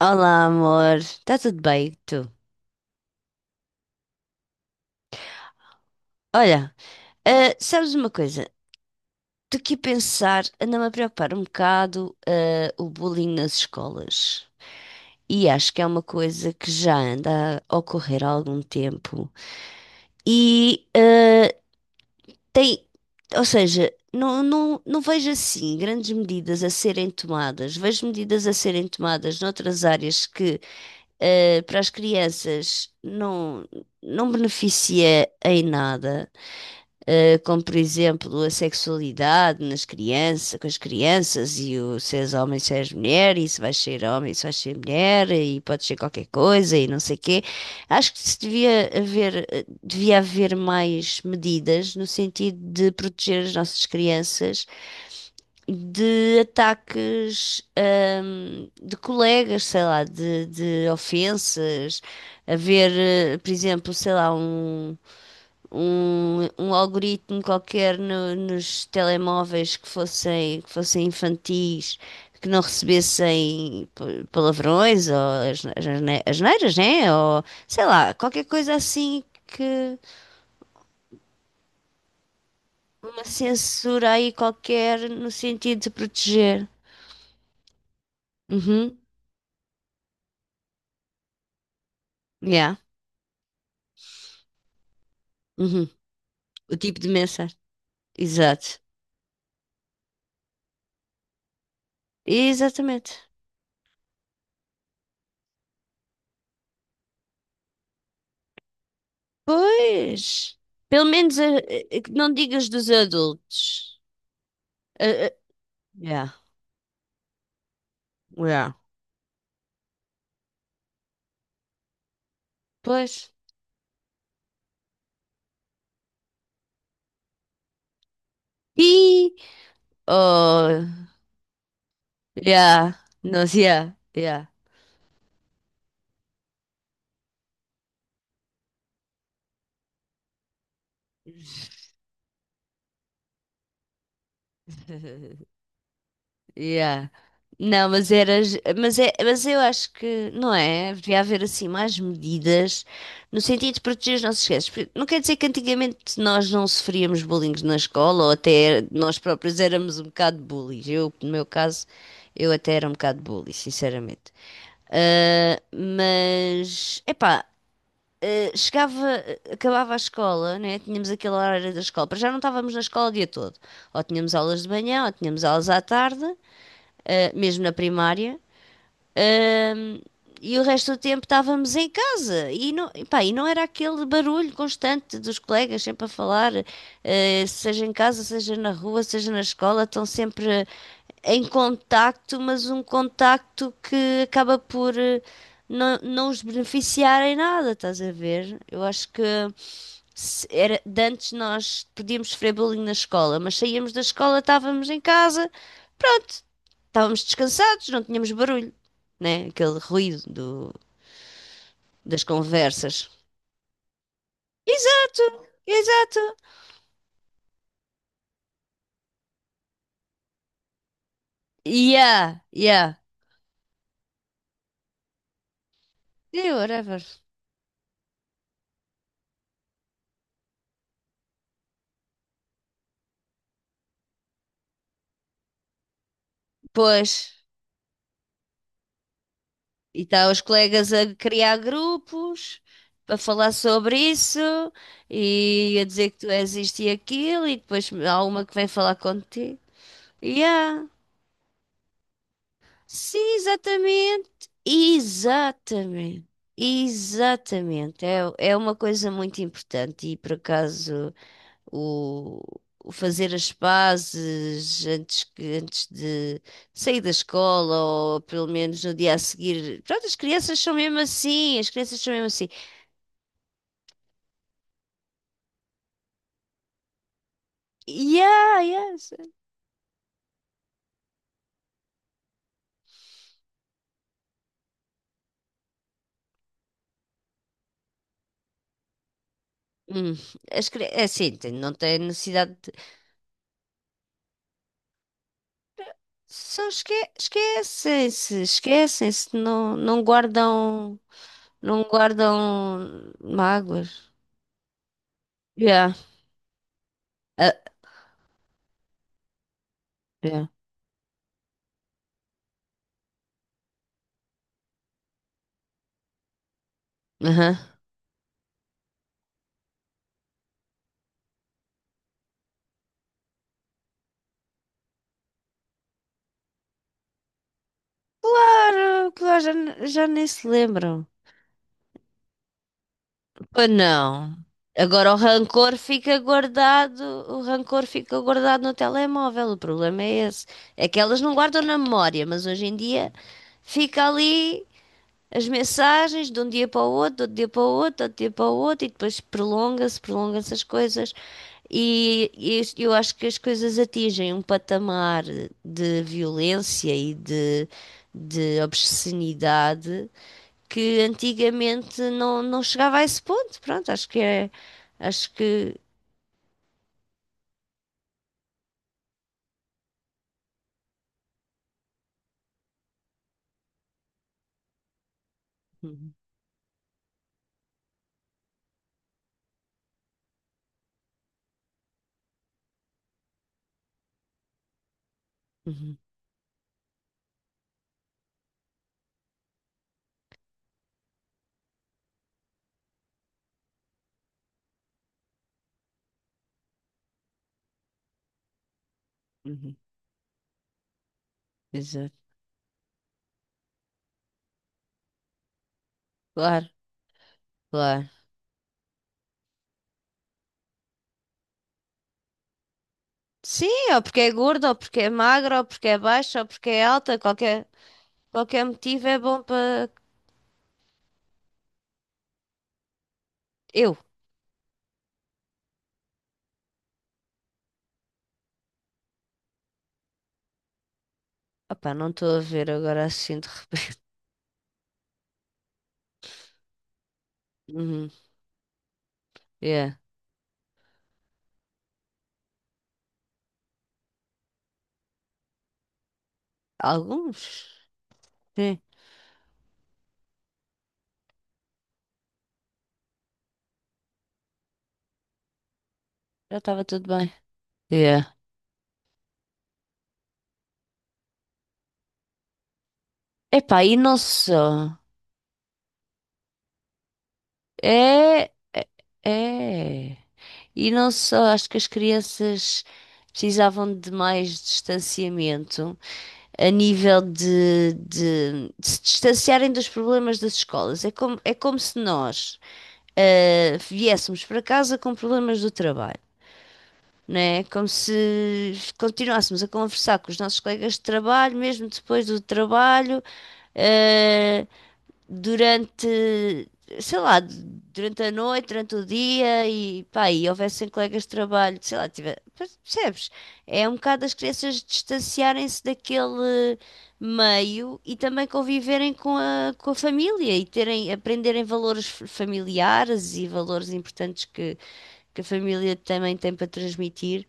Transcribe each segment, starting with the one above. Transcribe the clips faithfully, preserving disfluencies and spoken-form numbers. Olá, amor. Está tudo bem? Tu? Olha, ah, sabes uma coisa? Estou aqui a pensar, anda-me a preocupar um bocado, ah, o bullying nas escolas. E acho que é uma coisa que já anda a ocorrer há algum tempo. E ah, tem, ou seja, não, não, não vejo assim grandes medidas a serem tomadas. Vejo medidas a serem tomadas noutras áreas que ah, para as crianças não, não beneficia em nada. Eh, como por exemplo a sexualidade nas crianças, com as crianças, e o se és homem, se és mulher, e se vais ser homem, se vais ser mulher, e pode ser qualquer coisa, e não sei quê. Acho que se devia haver, eh, devia haver mais medidas no sentido de proteger as nossas crianças de ataques, ahm, de colegas, sei lá, de, de ofensas. Haver, eh, por exemplo, sei lá, um um, um algoritmo qualquer no- nos telemóveis que fossem, que fossem infantis, que não recebessem pa- palavrões ou as, as, asne- asneiras, né? Ou sei lá, qualquer coisa assim que uma censura aí qualquer no sentido de proteger. Uhum. Yeah. Uhum. O tipo de mensagem. Exato. Exatamente. Pois. Pelo menos eh, eh, que não digas dos adultos. Eh, eh, Yeah, yeah. Pois. E oh, yeah, nós yeah, yeah, yeah. Não, mas eras, mas é, mas eu acho que não é, devia haver assim mais medidas no sentido de proteger os nossos gestos. Porque não quer dizer que antigamente nós não sofríamos bullying na escola ou até nós próprios éramos um bocado bullies. Eu, no meu caso, eu até era um bocado bully, sinceramente. Ah, mas, epá, eh, chegava, eh, acabava a escola, né? Tínhamos aquele horário da escola, para já não estávamos na escola o dia todo. Ou tínhamos aulas de manhã, ou tínhamos aulas à tarde, eh, mesmo na primária. Ahm, e o resto do tempo estávamos em casa e não, e pá, e não era aquele barulho constante dos colegas sempre a falar, eh, seja em casa, seja na rua, seja na escola, estão sempre em contacto, mas um contacto que acaba por eh, não, não os beneficiar em nada, estás a ver? Eu acho que se era, de antes nós podíamos sofrer bullying na escola, mas saíamos da escola, estávamos em casa estávamos descansados, não tínhamos barulho, né? Aquele ruído do, das conversas. Exato, exato. Yeah, yeah. Yeah, whatever. Pois, e está os colegas a criar grupos, a falar sobre isso, e a dizer que tu és isto e aquilo, e depois há uma que vem falar contigo. Yeah. Sim, exatamente. Exatamente. Exatamente. É, é uma coisa muito importante e por acaso o, o fazer as pazes antes, que- antes de sair da escola ou pelo menos no dia a seguir. Pronto, as crianças são mesmo assim, as crianças são mesmo assim. Yeah, yes. Hum, as cri- é assim, tem- não tem necessidade de. Só esque, esquecem-se, esquecem-se, não, não guardam, não guardam mágoas. Yeah. Ah, yeah. Aham. Claro, claro, já, ne- já nem se lembram. Pois não. Agora o rancor fica guardado, o rancor fica guardado no telemóvel. O problema é esse. É que elas não guardam na memória, mas hoje em dia fica ali as mensagens de um dia para o outro, de outro dia para o outro, de outro dia para o outro, e depois prolonga-se, prolongam-se as coisas. E, e isto- eu acho que as coisas atingem um patamar de violência e de, de obscenidade que antigamente não, não chegava a esse ponto. Pronto, acho que é. Acho que. Uhum, uhum, uhum, exato. Claro, claro. Sim, ou porque é gordo ou porque é magro ou porque é baixo ou porque é alta, qualquer, qualquer motivo é bom para. Eu. Opá, não estou a ver agora assim de repente. Uhum, yeah. Alguns? Sim, já estava tudo bem. Yeah. Epá, e não só. É. É. É. E não só, acho que as crianças precisavam de mais distanciamento a nível de, de- de se distanciarem dos problemas das escolas. É como, é como se nós ah, viéssemos para casa com problemas do trabalho. Né? Como se continuássemos a conversar com os nossos colegas de trabalho, mesmo depois do trabalho, eh, durante, sei lá, durante a noite, durante o dia e pá, e houvessem colegas de trabalho, sei lá, tiver, percebes? É um bocado as crianças distanciarem-se daquele meio e também conviverem com a, com a família e terem, aprenderem valores f- familiares e valores importantes que, que a família também tem para transmitir.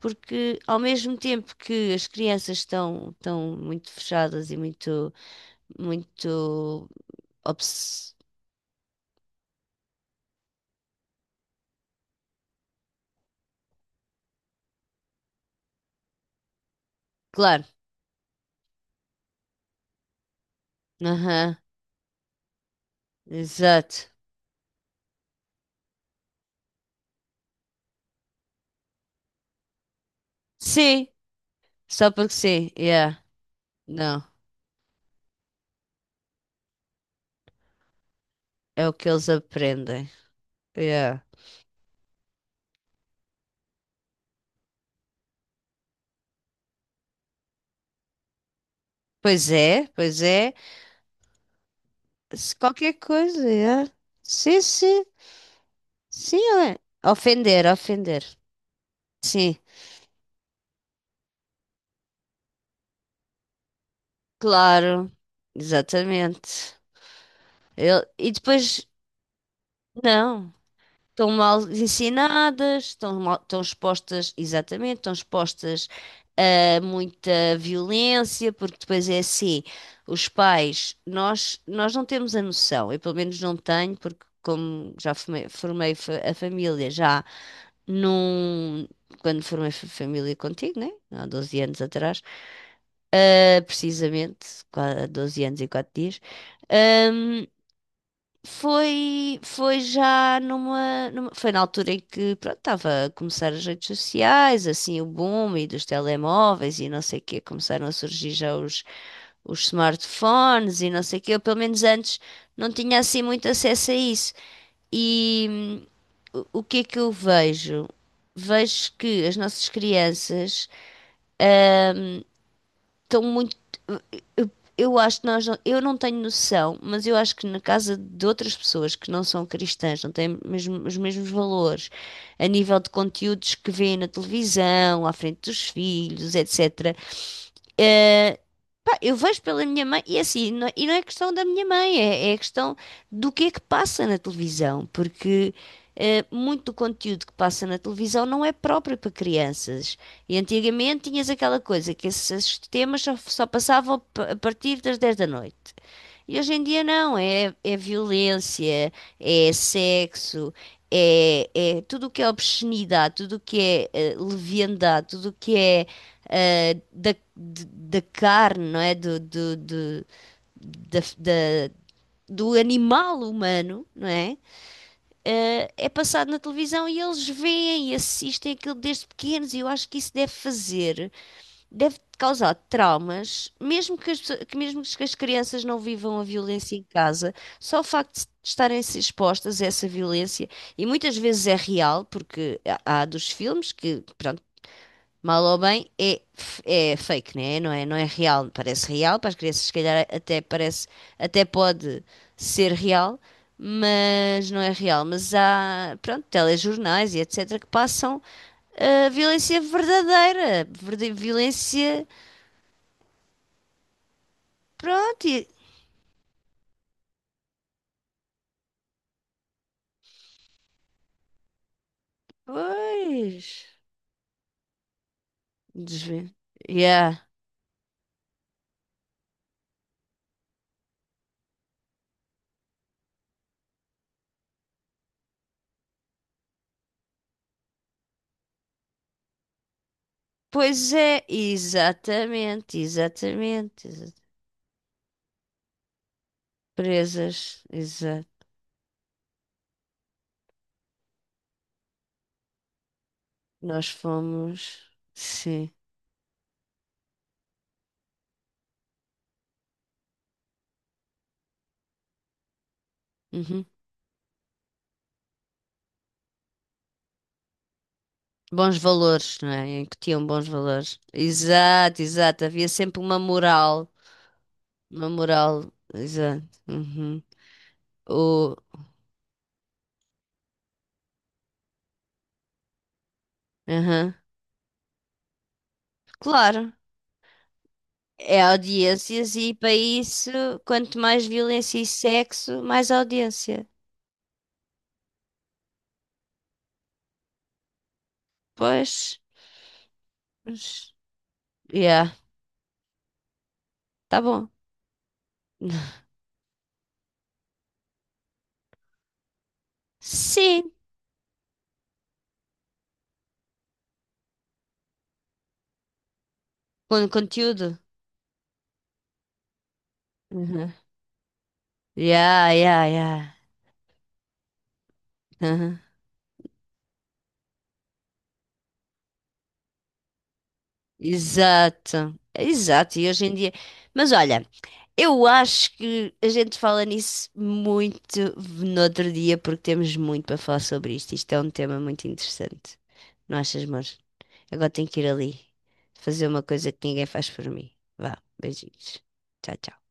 Porque ao mesmo tempo que as crianças estão, estão muito fechadas e muito, muito obs- Claro. Aham. Exato. Sim. Só porque sim. Yeah. Não. É o que eles aprendem. Yeah. Pois é, pois é. Se qualquer coisa, yeah. Sim, sim. Sim, é. Ofender, ofender. Sim. Claro. Exatamente. Ele. E depois, não. Estão mal ensinadas, estão mal, estão expostas, exatamente, estão expostas eh, muita violência, porque depois é assim, os pais, nós, nós não temos a noção, eu pelo menos não tenho, porque como já formei, formei fa- a família, já num, quando formei fa- família contigo, né? Há doze anos atrás, eh, precisamente, qua- doze anos e quatro dias, hum, foi, foi já numa, numa- Foi na altura em que, pronto, estava a começar as redes sociais, assim, o boom e dos telemóveis e não sei o quê. Começaram a surgir já os, os smartphones e não sei o quê. Eu, pelo menos antes, não tinha assim muito acesso a isso. E hum, o o que é que eu vejo? Vejo que as nossas crianças estão muito. Eu, eu acho que nós. não- Eu não tenho noção, mas eu acho que na casa de outras pessoas que não são cristãs, não têm mesmo- os mesmos valores, a nível de conteúdos que vêem na televisão, à frente dos filhos, etcétera. Pá, eu vejo pela minha mãe, e é assim, não, é, e não é questão da minha mãe, é, é questão do que é que passa na televisão, porque eh, muito do conteúdo que passa na televisão não é próprio para crianças. E antigamente tinhas aquela coisa que esses, esses temas só, só passavam p- a partir das dez da noite. E hoje em dia não, é, é violência, é sexo, é, é tudo o que é obscenidade, tudo o que é eh, leviandade, tudo o que é eh, da, de- da carne, não é? Do, do, do, da, da- do animal humano, não é? Eh, é passado na televisão e eles veem e assistem aquilo desde pequenos e eu acho que isso deve fazer deve causar traumas, mesmo que as, pesso- que mesmo que as crianças não vivam a violência em casa, só o facto de estarem expostas a essa violência, e muitas vezes é real, porque há há dos filmes que, pronto, mal ou bem, é, f- é fake, né? Não é, não é real, parece real, para as crianças se calhar até parece, até pode ser real, mas não é real. Mas há, pronto, telejornais e etcétera que passam a violência verdadeira, verde- violência. Pronto, e- pois. Desvi. Yeah. Pois é, exatamente, exatamente. exa- Presas, exato. Nós fomos, sim. Uhum. Bons valores, não é? Em que tinham bons valores. Exato, exato. Havia sempre uma moral. Uma moral, exato. Uhum. O, aham. Claro. É audiências e para isso, quanto mais violência e sexo, mais audiência. Pois. Mas- Yeah, tá bom. Sim, com conteúdo. Uhum. Yeah, yeah, yeah. Uhum. Exato, exato. E hoje em dia. Mas olha, eu acho que a gente fala nisso muito no outro dia, porque temos muito para falar sobre isto. Isto é um tema muito interessante. Não achas, amor? Agora tenho que ir ali fazer uma coisa que ninguém faz por mim. Vá, beijinhos. Tchau, tchau.